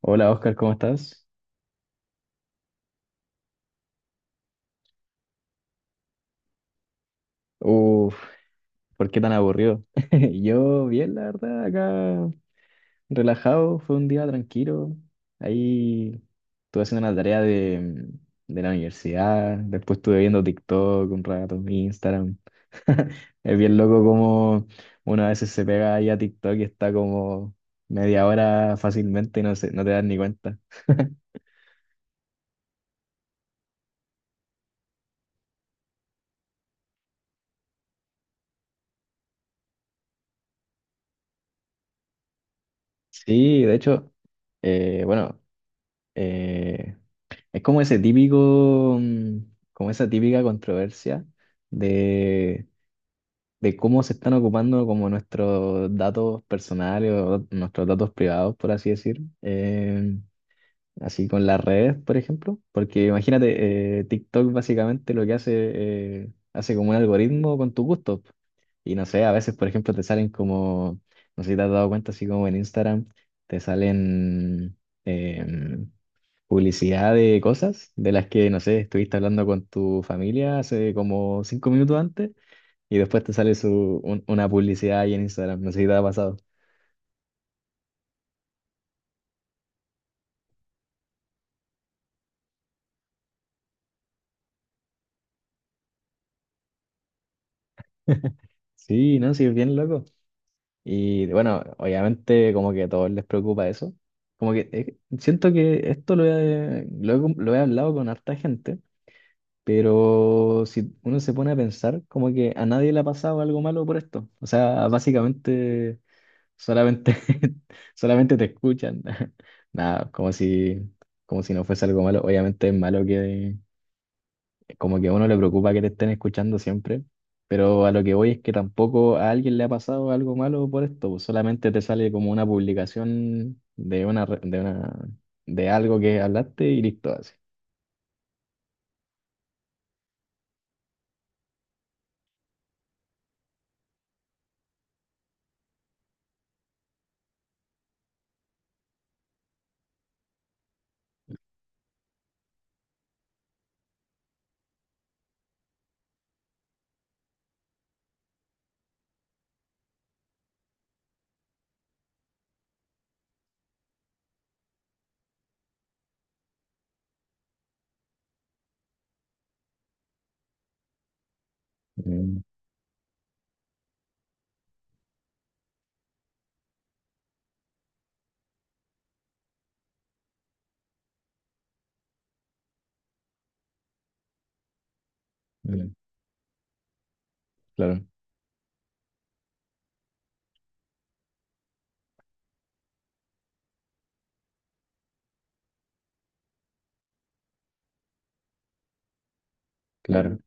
Hola Oscar, ¿cómo estás? Uf, ¿por qué tan aburrido? Yo bien, la verdad, acá relajado, fue un día tranquilo. Ahí estuve haciendo una tarea de la universidad, después estuve viendo TikTok un rato, Instagram. Es bien loco como uno a veces se pega ahí a TikTok y está como media hora fácilmente y no, no te das ni cuenta. Sí, de hecho, bueno, eh, es como ese típico, como esa típica controversia de, de cómo se están ocupando como nuestros datos personales o nuestros datos privados, por así decir, así con las redes, por ejemplo. Porque imagínate, TikTok básicamente lo que hace, hace como un algoritmo con tu gusto. Y no sé, a veces, por ejemplo, te salen como, no sé si te has dado cuenta, así como en Instagram, te salen, em, publicidad de cosas de las que, no sé, estuviste hablando con tu familia hace como 5 minutos antes y después te sale una publicidad ahí en Instagram, no sé si te ha pasado. Sí, no, sí, es bien loco. Y bueno, obviamente como que a todos les preocupa eso. Como que siento que esto lo he hablado con harta gente, pero si uno se pone a pensar, como que a nadie le ha pasado algo malo por esto. O sea, básicamente solamente, solamente te escuchan. Nada, como si no fuese algo malo. Obviamente es malo que como que a uno le preocupa que te estén escuchando siempre, pero a lo que voy es que tampoco a alguien le ha pasado algo malo por esto. Pues, solamente te sale como una publicación de una, de algo que hablaste y listo, así. Mm. Mm. Claro, claro.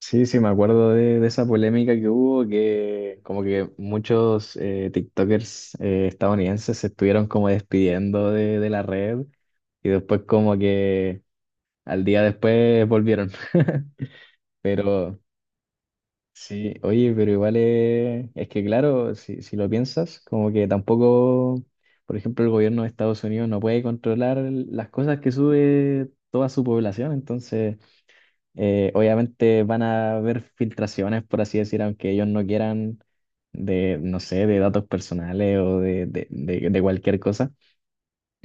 Sí, sí, me acuerdo de esa polémica que hubo, que como que muchos TikTokers estadounidenses se estuvieron como despidiendo de la red y después como que al día después volvieron. Pero sí, oye, pero igual es que claro, si lo piensas, como que tampoco, por ejemplo, el gobierno de Estados Unidos no puede controlar las cosas que sube toda su población, entonces. Obviamente van a haber filtraciones, por así decir, aunque ellos no quieran, de, no sé, de datos personales o de cualquier cosa.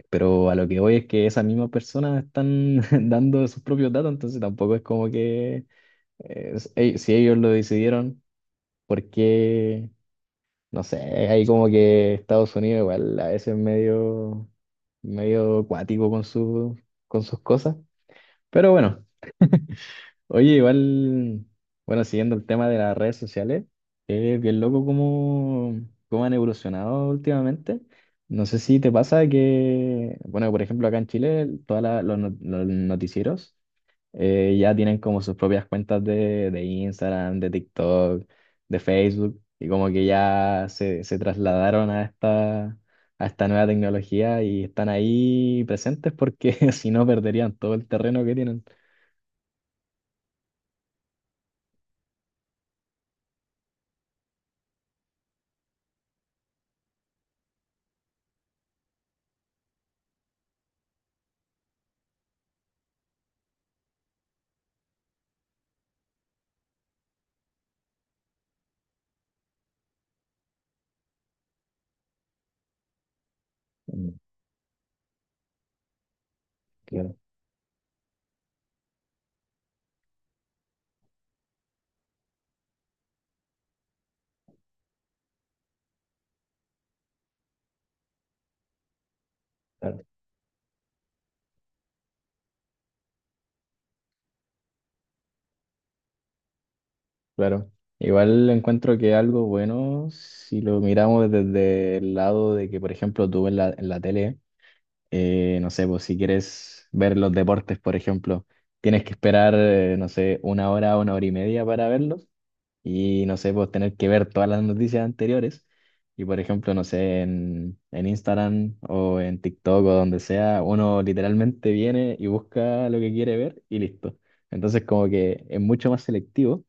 Pero a lo que voy es que esas mismas personas están dando sus propios datos, entonces tampoco es como que si ellos lo decidieron, porque, no sé, hay como que Estados Unidos igual a veces medio cuático con su, con sus cosas. Pero bueno. Oye, igual, bueno, siguiendo el tema de las redes sociales, es bien loco cómo, cómo han evolucionado últimamente. No sé si te pasa que, bueno, por ejemplo, acá en Chile, todos los, no- los noticieros ya tienen como sus propias cuentas de Instagram, de TikTok, de Facebook, y como que ya se trasladaron a esta nueva tecnología y están ahí presentes porque si no perderían todo el terreno que tienen. Mm. Claro. Claro, igual encuentro que algo bueno, si lo miramos desde el lado de que, por ejemplo, tú en la tele, no sé, pues si quieres ver los deportes, por ejemplo, tienes que esperar, no sé, una hora y media para verlos y, no sé, pues tener que ver todas las noticias anteriores y, por ejemplo, no sé, en Instagram o en TikTok o donde sea, uno literalmente viene y busca lo que quiere ver y listo. Entonces, como que es mucho más selectivo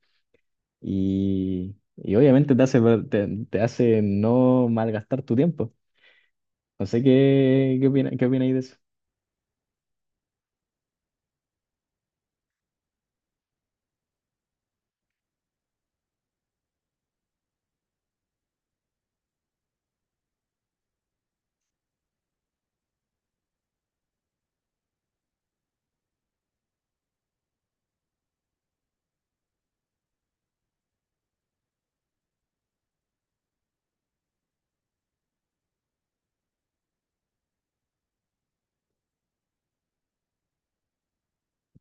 y obviamente te hace no malgastar tu tiempo. No sé qué opináis de eso.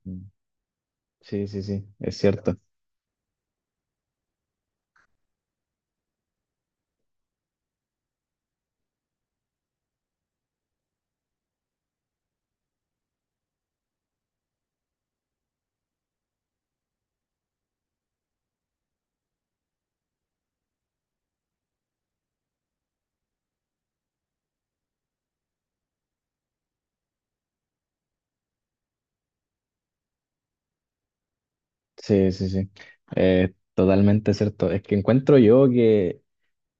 Mm. Sí, sí, sí, es cierto. Sí, sí, sí. Totalmente cierto. Es que encuentro yo que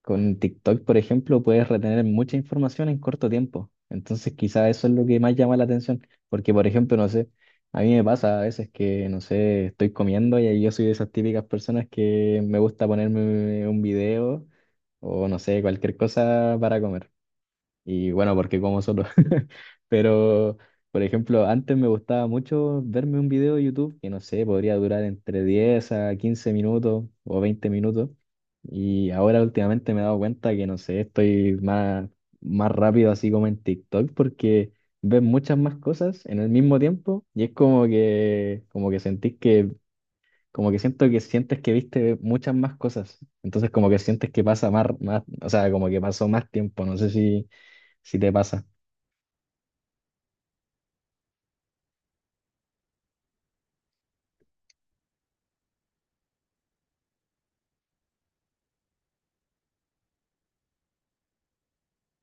con TikTok, por ejemplo, puedes retener mucha información en corto tiempo. Entonces, quizá eso es lo que más llama la atención. Porque, por ejemplo, no sé, a mí me pasa a veces que, no sé, estoy comiendo y ahí yo soy de esas típicas personas que me gusta ponerme un video o, no sé, cualquier cosa para comer. Y bueno, porque como solo. Pero, por ejemplo, antes me gustaba mucho verme un video de YouTube que no sé, podría durar entre 10 a 15 minutos o 20 minutos. Y ahora últimamente me he dado cuenta que no sé, estoy más, rápido así como en TikTok porque ves muchas más cosas en el mismo tiempo y es como que sentís que, como que siento que sientes que viste muchas más cosas. Entonces como que sientes que pasa más, o sea, como que pasó más tiempo. No sé si te pasa.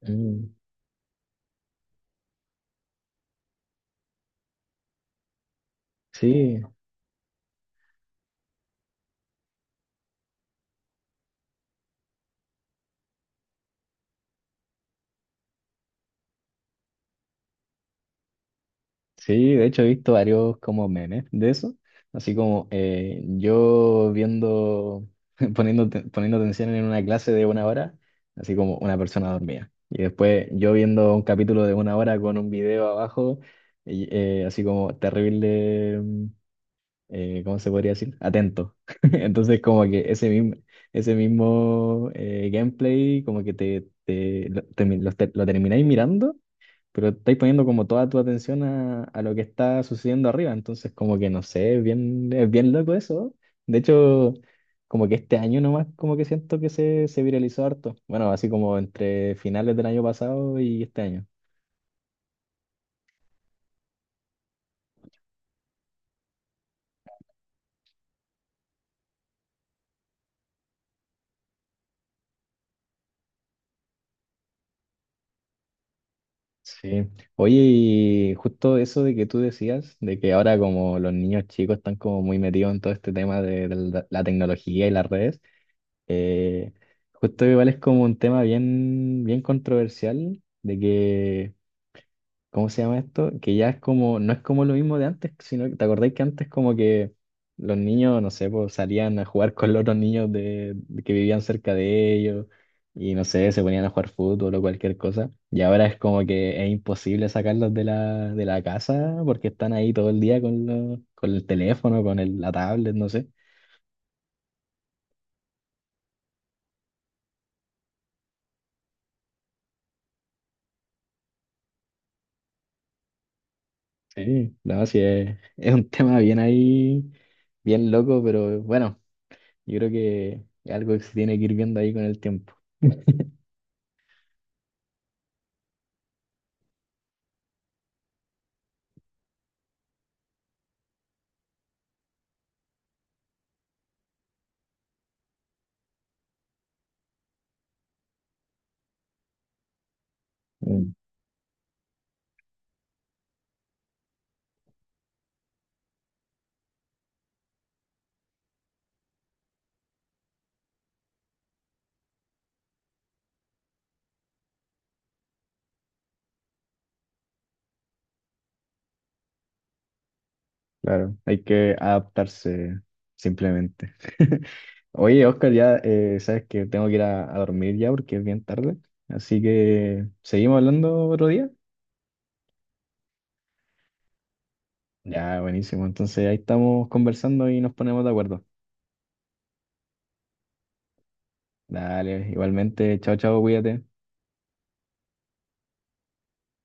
Mm. Sí, sí, de hecho he visto varios como memes de eso, así como yo viendo, poniendo atención en una clase de una hora, así como una persona dormida, y después yo viendo un capítulo de una hora con un video abajo, y, así como terrible, ¿cómo se podría decir? Atento. Entonces como que ese mismo, ese mismo gameplay como que te lo termináis mirando. Pero estáis poniendo como toda tu atención a lo que está sucediendo arriba, entonces como que no sé, es bien loco eso. De hecho, como que este año nomás como que siento que se viralizó harto. Bueno, así como entre finales del año pasado y este año. Sí. Oye, y justo eso de que tú decías, de que ahora como los niños chicos están como muy metidos en todo este tema de la tecnología y las redes, eh, justo igual es como un tema bien, bien controversial, de que ¿cómo se llama esto? Que ya es como, no es como lo mismo de antes, sino que, ¿te acordáis que antes como que los niños, no sé, pues salían a jugar con los otros niños de que vivían cerca de ellos y no sé, se ponían a jugar fútbol o cualquier cosa? Y ahora es como que es imposible sacarlos de la casa porque están ahí todo el día con el teléfono, con la tablet, no sé. Sí, no, sí, es un tema bien ahí, bien loco, pero bueno, yo creo que es algo que se tiene que ir viendo ahí con el tiempo. Claro, hay que adaptarse simplemente. Oye, Oscar, ya sabes que tengo que ir a dormir ya porque es bien tarde. Así que, ¿seguimos hablando otro día? Ya, buenísimo. Entonces ahí estamos conversando y nos ponemos de acuerdo. Dale, igualmente, chao, chao, cuídate.